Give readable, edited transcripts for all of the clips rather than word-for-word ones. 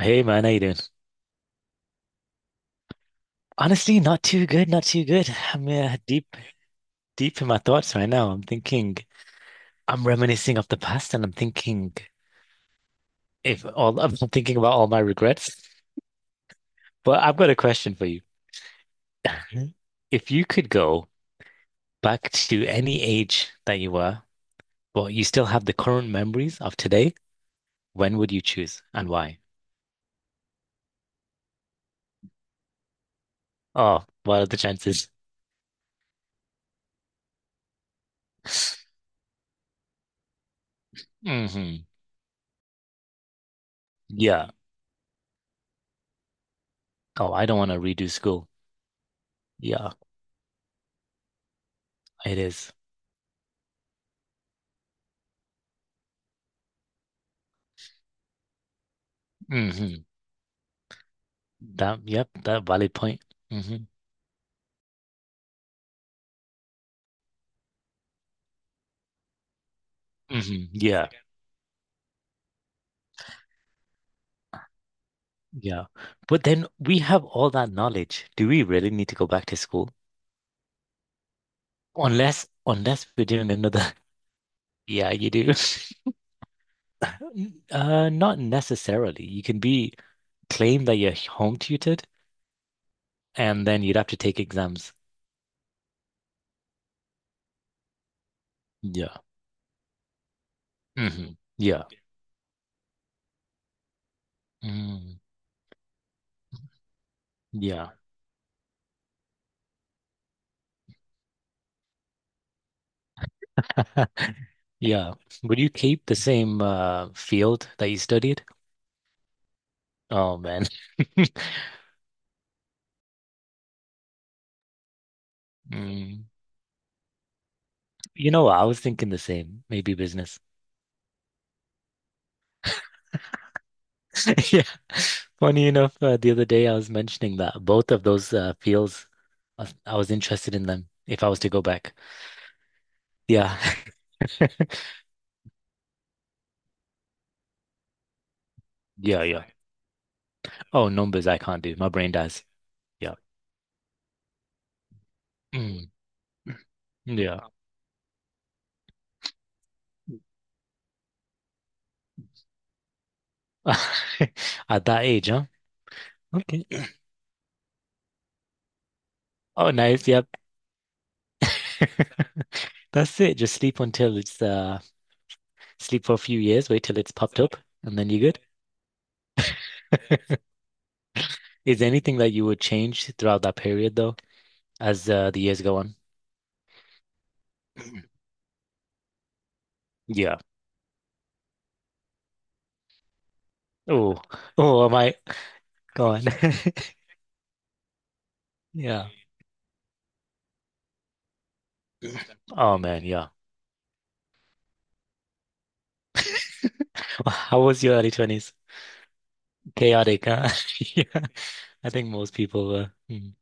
Hey man, how you doing? Honestly, not too good, not too good. I'm deep, deep in my thoughts right now. I'm thinking, I'm reminiscing of the past, and I'm thinking if all I'm thinking about all my regrets. But I've got a question for you. If you could go back to any age that you were, but you still have the current memories of today, when would you choose and why? Oh, what are the chances? hmm Yeah. Oh, I don't want to redo school. Yeah, it is. Mm-hmm. That, yep, that valid point. Hmm hmm Yeah, yeah. But then we have all that knowledge. Do we really need to go back to school? Unless we're doing another. Yeah, you do. Not necessarily. You can be claim that you're home tutored, and then you'd have to take exams. Yeah. hmm Yeah. Mm. Yeah. Yeah. Would you keep the same field that you studied? Oh man. Mm. You know, I was thinking the same, maybe business. Yeah. Funny enough, the other day I was mentioning that both of those fields, I was interested in them if I was to go back. Yeah. Yeah, yeah. Oh, numbers I can't do. My brain dies. Yeah. Mm, yeah. At that age, huh? Okay. Oh, nice. Yep. That's it. Just sleep until it's sleep for a few years, wait till it's popped up, and then you're good. Is there anything that you would change throughout that period though, as the years go on? Yeah. Oh, oh, am I gone? Yeah. Oh man, yeah. Wh- How was your early 20s? Chaotic, huh? Yeah. I think most people were. Mm.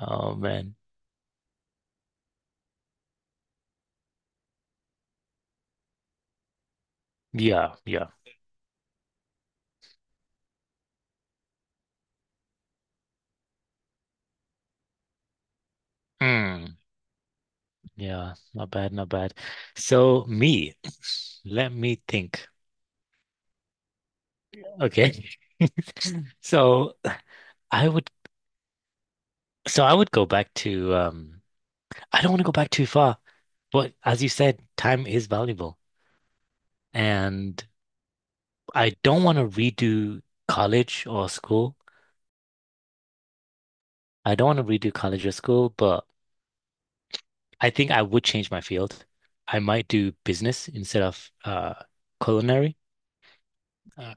Oh man. Yeah, yeah. Mm. Yeah, not bad, not bad. So me, let me think. Okay. So I would so I would go back to I don't want to go back too far, but as you said, time is valuable. And I don't want to redo college or school. I don't want to redo college or school, but I think I would change my field. I might do business instead of culinary. Uh,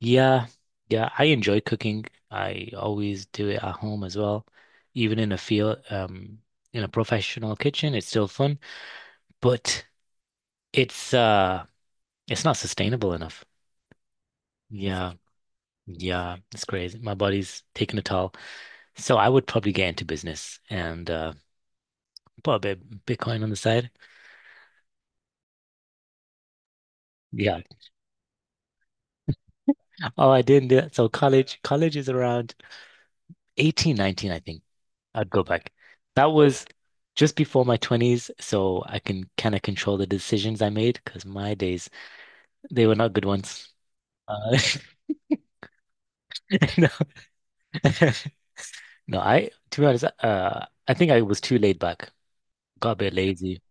yeah, yeah, I enjoy cooking. I always do it at home as well. Even in a field, in a professional kitchen, it's still fun, but it's uh it's not sustainable enough. Yeah, yeah, it's crazy. My body's taking a toll. So I would probably get into business and put a bit of Bitcoin on the side. Yeah. Oh, I didn't do that. So college is around 18, 19, I think. I'd go back. That was just before my 20s, so I can kind of control the decisions I made because my days, they were not good ones. Uh, no, no, to be honest, I think I was too laid back, got a bit lazy.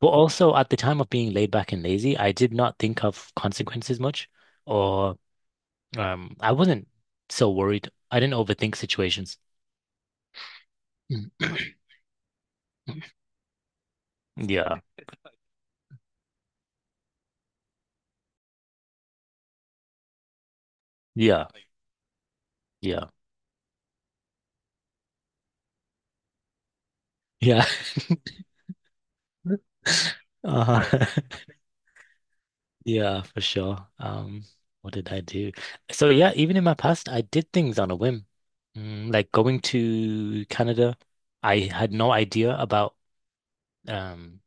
But also at the time of being laid back and lazy, I did not think of consequences much, or I wasn't so worried. I didn't overthink situations. Yeah. Yeah. Yeah. Yeah. Uh, yeah, for sure. What did I do? So yeah, even in my past, I did things on a whim. Mm, like going to Canada, I had no idea about um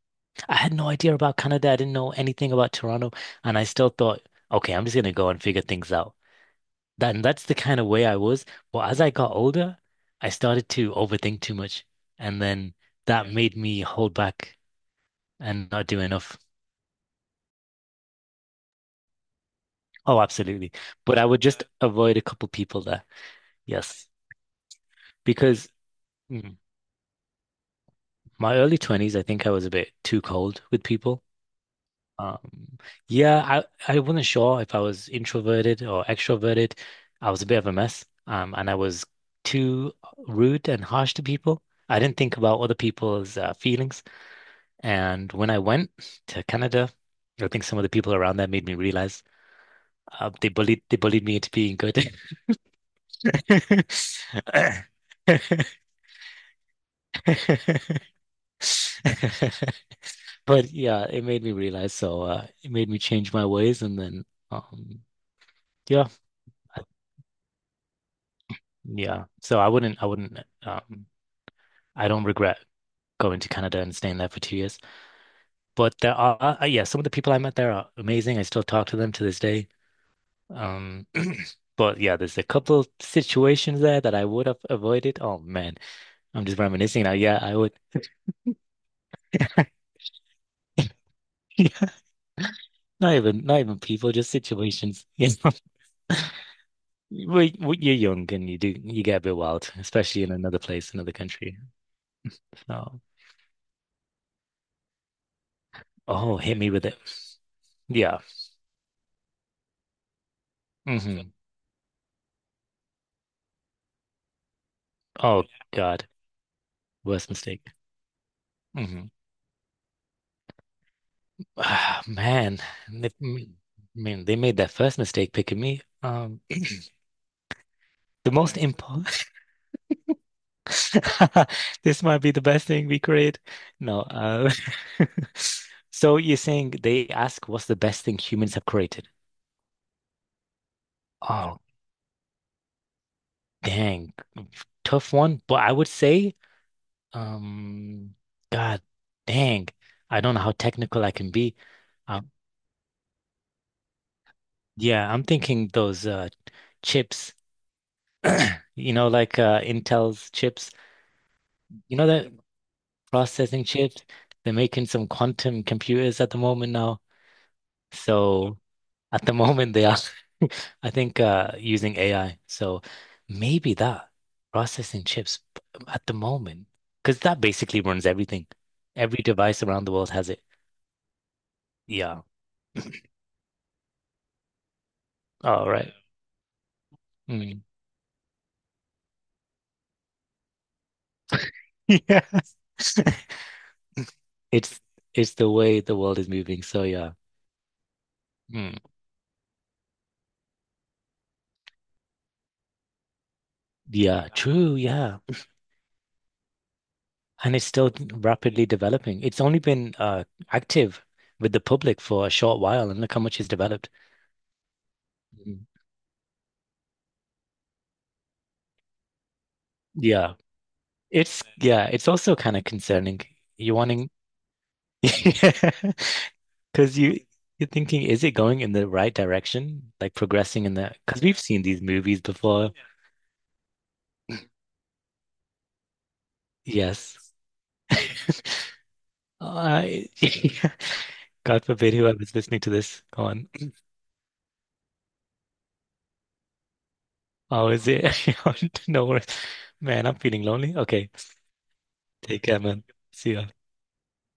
I had no idea about Canada. I didn't know anything about Toronto, and I still thought, okay, I'm just gonna go and figure things out. That, and that's the kind of way I was. But as I got older, I started to overthink too much, and then that made me hold back and not do enough. Oh, absolutely. But I would just avoid a couple people there. Yes. Because mm, my early 20s, I think I was a bit too cold with people. Um, yeah, I wasn't sure if I was introverted or extroverted. I was a bit of a mess. And I was too rude and harsh to people. I didn't think about other people's feelings. And when I went to Canada, I think some of the people around there made me realize they bullied me into being good. But yeah, it made me realize. So it made me change my ways, and then um, yeah, yeah. So I wouldn't, I wouldn't. Um, I don't regret going to Canada and staying there for 2 years. But there are, yeah, some of the people I met there are amazing. I still talk to them to this day. Um, but yeah, there's a couple situations there that I would have avoided. Oh man, I'm just reminiscing now. Yeah, I would. Yeah, not even, not even people, just situations. You know? Well, well, you're young and you do you get a bit wild, especially in another place, another country. So, oh, hit me with it. Yeah. hmm Oh God, worst mistake. Hmm Ah, man, I mean, they made that first mistake picking me. The most impo. This might be the best thing we create. No. So you're saying they ask what's the best thing humans have created? Oh, dang, tough one. But I would say. Um, God dang. I don't know how technical I can be. Um, yeah, I'm thinking those chips, you know, like Intel's chips. You know that processing chips? They're making some quantum computers at the moment now. So at the moment they are I think using AI. So maybe that processing chips p- at the moment, because that basically runs everything. Every device around the world has it. Yeah. All right. Mm. Yeah. It's it's the way the world is moving. So yeah. Hmm. Yeah, true, yeah. And it's still rapidly developing. It's only been active with the public for a short while and look how much it's developed. Mhm. Yeah. It's yeah, it's also kind of concerning. You're wanting because you you're thinking, is it going in the right direction? Like progressing in the because we've seen these movies before. Yes. Uh, God forbid whoever's listening to this. Go on. How is it? No worries. Man, I'm feeling lonely. Okay. Take care, man. See ya.